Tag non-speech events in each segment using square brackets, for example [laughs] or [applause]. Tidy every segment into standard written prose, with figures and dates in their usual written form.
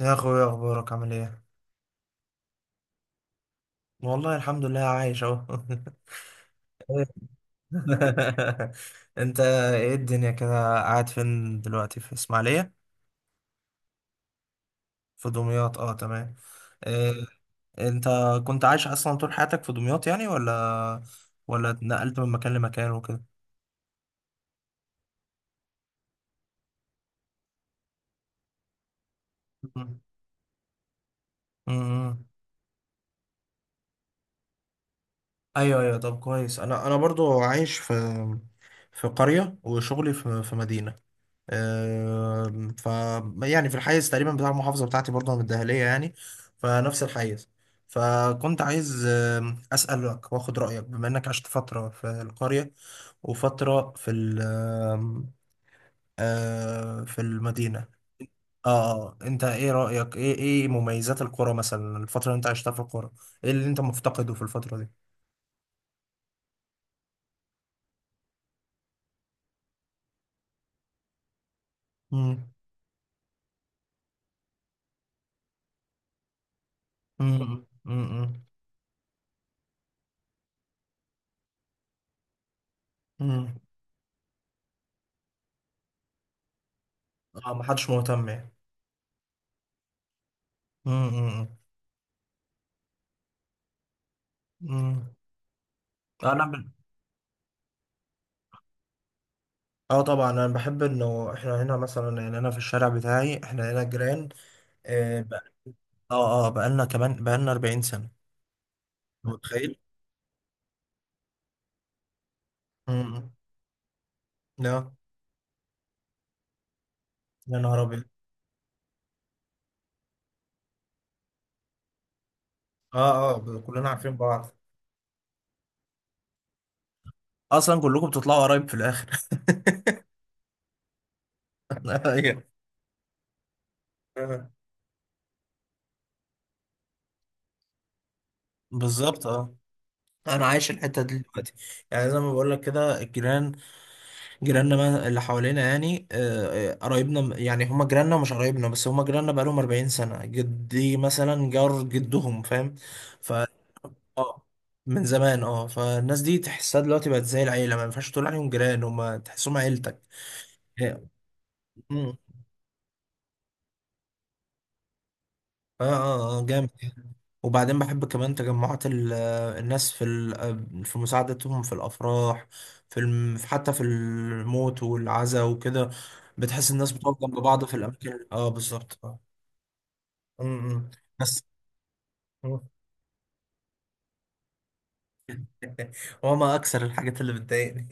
يا اخويا، اخبارك؟ عامل ايه؟ والله الحمد لله، عايش اهو. [laughs] انت؟ ايه الدنيا كده؟ قاعد فين دلوقتي، في اسماعيلية؟ في دمياط، اه تمام. إيه؟ انت كنت عايش اصلا طول حياتك في دمياط يعني ولا اتنقلت من مكان لمكان وكده؟ [laughs] مم. مم. ايوه ايوه، طب كويس. انا برضو عايش في في قرية وشغلي في في مدينة. آم، ف يعني في الحيز تقريبا بتاع المحافظة بتاعتي برضه، من الدهلية يعني، فنفس الحيز. فكنت عايز أسألك وآخد رأيك بما إنك عشت فترة في القرية وفترة في ال آم، آه، في المدينة. اه اه، انت ايه رأيك، ايه ايه مميزات القرى مثلا، الفترة اللي انت عشتها في القرى؟ ايه اللي انت مفتقده في الفترة دي؟ امم. امم. امم. امم. اه، محدش مهتم يعني. امم. امم. أمم. انا بال- اه طبعا، انا بحب انه احنا هنا مثلا، يعني انا في الشارع بتاعي احنا هنا جيران. اه بقى- اه بقالنا كمان بقالنا 40 سنة. أنت متخيل؟ امم. لا. يا نهار ابيض. اه اه، كلنا عارفين بعض. اصلا كلكم بتطلعوا قرايب في الاخر. [laughs] أيوة. بالظبط اه. انا عايش الحتة دي دلوقتي، يعني زي ما بقول لك كده، الجيران جيراننا ما- اللي حوالينا يعني يعني هما جيراننا ومش قرايبنا، بس هما جيراننا بقالهم 40 سنة. جدي مثلا جار جدهم، فاهم؟ ف اه من زمان اه. فالناس دي تحسها دلوقتي بقت زي العيلة، ما ينفعش تقول عليهم جيران، هما تحسهم عيلتك. اه. مم. اه جامد. وبعدين بحب كمان تجمعات الناس في في مساعدتهم في الأفراح، حتى في الموت والعزا وكده. بتحس الناس بتقف جنب بعض في الأماكن، اه بالظبط أمم. بس أمم. هو ما اكثر الحاجات اللي بتضايقني.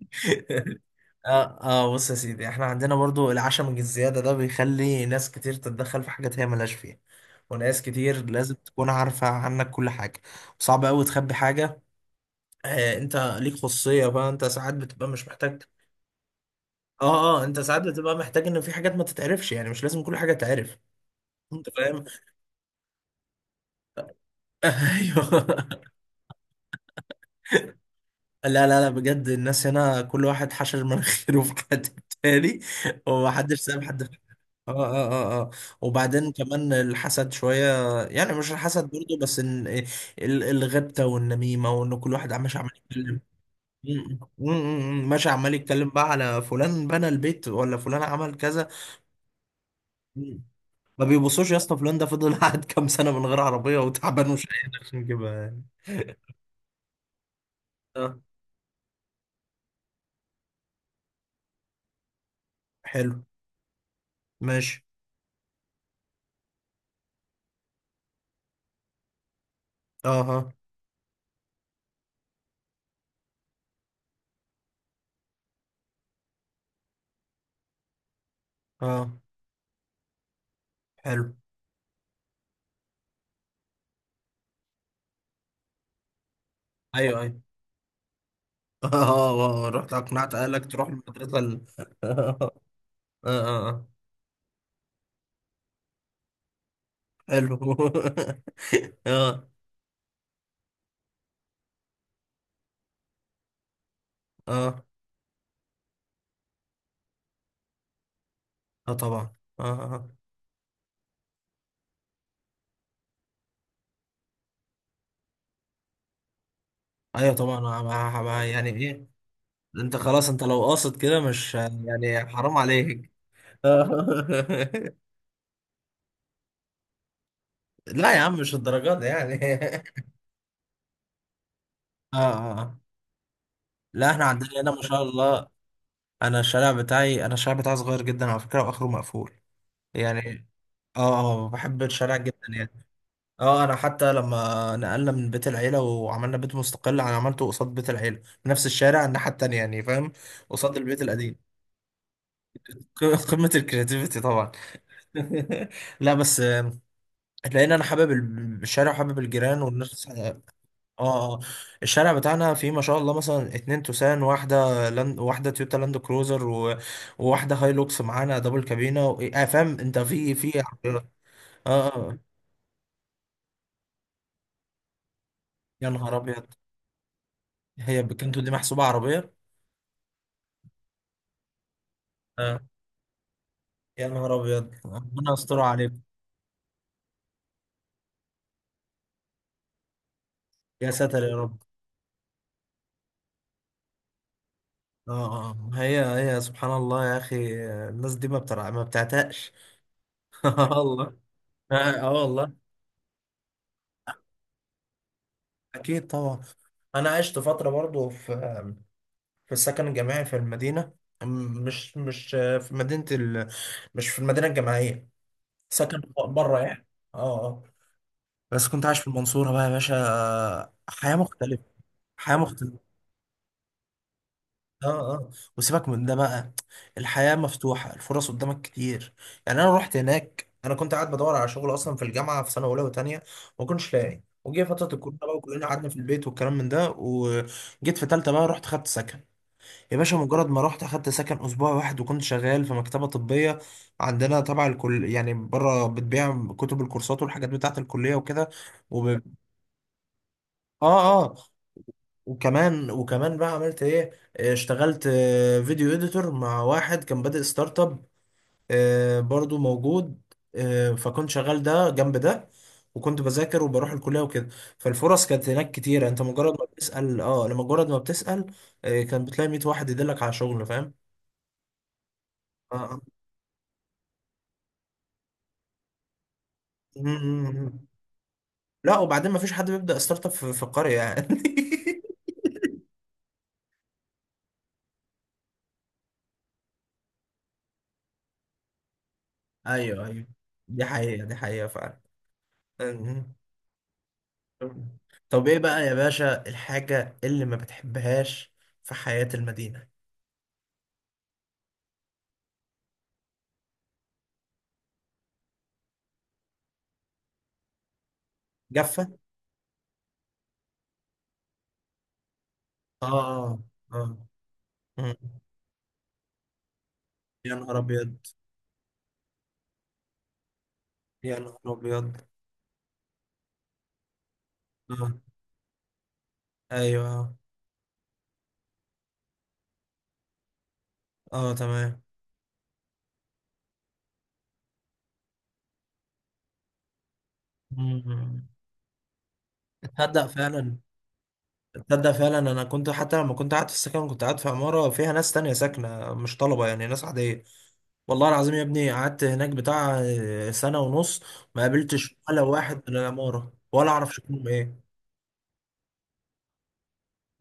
[laughs] اه اه، بص يا سيدي، احنا عندنا برضو العشم الزياده ده بيخلي ناس كتير تتدخل في حاجات هي ملهاش فيها، وناس كتير لازم تكون عارفه عنك كل حاجه. صعب قوي تخبي حاجه. آه، انت ليك خصوصيه بقى، انت ساعات بتبقى مش محتاج. اه اه، انت ساعات بتبقى محتاج ان في حاجات ما تتعرفش يعني، مش لازم كل حاجه تعرف. انت فاهم؟ [laughs] ايوه. لا لا لا، بجد الناس هنا كل واحد حشر مناخيره في حد تاني، ومحدش ساب حد. اه اه اه اه. وبعدين كمان الحسد شوية. يعني مش الحسد برضو، بس ان الغبطة والنميمة، وان كل واحد ماشي عمال يتكلم. م- ماشي عمال يتكلم بقى على فلان بنى البيت، ولا فلان عمل كذا. م. ما بيبصوش يا اسطى فلان ده فضل [laughs] قاعد كام سنة من غير عربية، وتعبان ومش قادر عشان يجيبها يعني. اه. حلو. ماشي. اه اه اه. حلو. ايوه ايوه. اه، رحت اقنعت اهلك تروح المدرسة ال... [laughs] اه اه آه. حلو. [laughs] اه. اه اه طبعا. اه اه ايوه طبعا، يعني ايه. انت خلاص، انت لو قاصد كده مش يعني، حرام عليك. [laughs] لا يا عم، مش الدرجات دي يعني. [laughs] اه اه لا احنا عندنا هنا ما شاء الله. انا الشارع بتاعي صغير جدا على فكرة، واخره مقفول يعني. اه اه، بحب الشارع جدا يعني. اه، انا حتى لما نقلنا من بيت العيله وعملنا بيت مستقل، انا عملته قصاد بيت العيله في نفس الشارع الناحيه التانيه يعني، فاهم؟ قصاد البيت القديم. [laughs] قمه الكرياتيفيتي طبعا. [laughs] لا بس لان انا حابب الشارع، وحابب الجيران والناس، اه. آه. آه. الشارع بتاعنا فيه ما شاء الله مثلا اتنين توسان، واحده لاند، واحده تويوتا لاند كروزر، وواحده هاي لوكس معانا دبل كابينه و... آه، فاهم انت، في في عربيات. اه يا نهار ابيض. هي بكنتو دي محسوبه عربيه؟ آه. يا نهار ابيض، ربنا يستر عليك. يا ساتر يا رب. اه هي هي سبحان الله يا اخي، الناس دي ما بترع، ما بتعتقش. [laughs] آه والله. اه. آه والله. اكيد طبعا. انا عشت فتره برضو في في السكن الجامعي في المدينه. م- مش مش في مدينه ال... مش في المدينه الجامعيه، سكن بره يعني. اه اه. بس كنت عايش في المنصوره بقى يا باشا، حياه مختلفه. حياه مختلفه. اه. اه. وسيبك من ده بقى، الحياة مفتوحة، الفرص قدامك كتير. يعني انا رحت هناك، انا كنت قاعد بدور على شغل اصلا في الجامعة في سنة اولى وتانية، ما كنتش لاقي. وجه فترة الكورونا بقى، وكلنا قعدنا في البيت والكلام من ده. وجيت في تالتة بقى، رحت خدت سكن. يا باشا، مجرد ما رحت اخدت سكن، اسبوع واحد، وكنت شغال في مكتبة طبية عندنا تبع الكل يعني، بره، بتبيع كتب الكورسات والحاجات بتاعة الكلية وكده. وب... اه اه. وكمان وكمان بقى عملت ايه، اشتغلت فيديو اديتور مع واحد كان بادئ ستارت اب، برضو موجود. فكنت شغال ده جنب ده، وكنت بذاكر وبروح الكلية وكده. فالفرص كانت هناك كتيرة، انت مجرد ما بتسأل، اه لما مجرد ما بتسأل، كان بتلاقي 100 واحد يدلك على شغل، فاهم؟ آه، آه. م- م- م. لا، وبعدين ما فيش حد بيبدأ ستارت اب في في القرية يعني. [laughs] ايوه ايوه، دي حقيقة دي حقيقة فعلا. طب ايه بقى يا باشا الحاجة اللي ما بتحبهاش في حياة المدينة؟ جافة. اه اه. مم. يا نهار ابيض. يا نهار ابيض. اه. ايوه اه. تمام. مم. تصدق فعلا، تصدق فعلا، انا كنت حتى لما كنت قاعد في السكن، كنت قاعد في عمارة فيها ناس تانية ساكنة مش طلبة يعني، ناس عادية. والله العظيم يا ابني، قعدت هناك بتاع سنة ونص، ما قابلتش ولا واحد من العمارة ولا اعرف شكلهم ايه.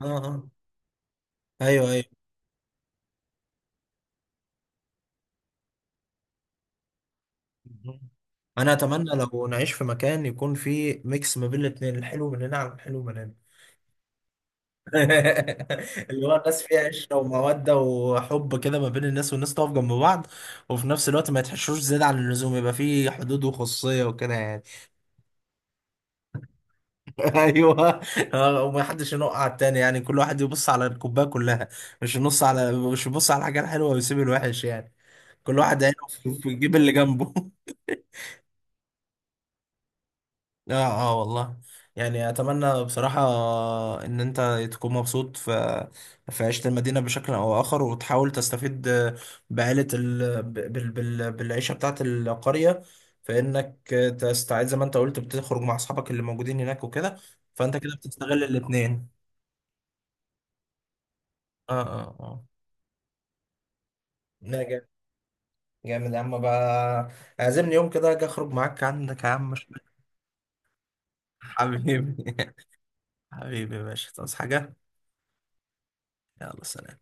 اه اه. ايوه ايوه. انا اتمنى لو نعيش في مكان يكون فيه ميكس ما بين الاثنين، الحلو من هنا على الحلو من هنا. [laughs] اللي هو الناس فيها عشره وموده وحب كده ما بين الناس، والناس تقف جنب بعض، وفي نفس الوقت ما يتحشروش زياده عن اللزوم، يبقى فيه حدود وخصوصيه وكده يعني. [laughs] ايوه. وما حدش ينق على التاني يعني، كل واحد يبص على الكوبايه كلها، مش يبص على الحاجه الحلوه ويسيب الوحش يعني، كل واحد عينه في في جيب اللي جنبه. [laughs] اه. اه والله. يعني اتمنى بصراحة ان انت تكون مبسوط في في عيشة المدينة بشكل او اخر، وتحاول تستفيد بعيلة ال... بال... بال... بالعيشة بتاعت القرية، فانك تستعيد زي ما انت قلت، بتخرج مع اصحابك اللي موجودين هناك وكده، فانت كده بتستغل الاتنين. اه اه اه. لا جامد، جامد يا عم بقى. اعزمني يوم كده اجي اخرج معاك عندك يا عم، مش حبيبي. [laughs] حبيبي يا باشا، تصحى حاجة؟ يلا سلام.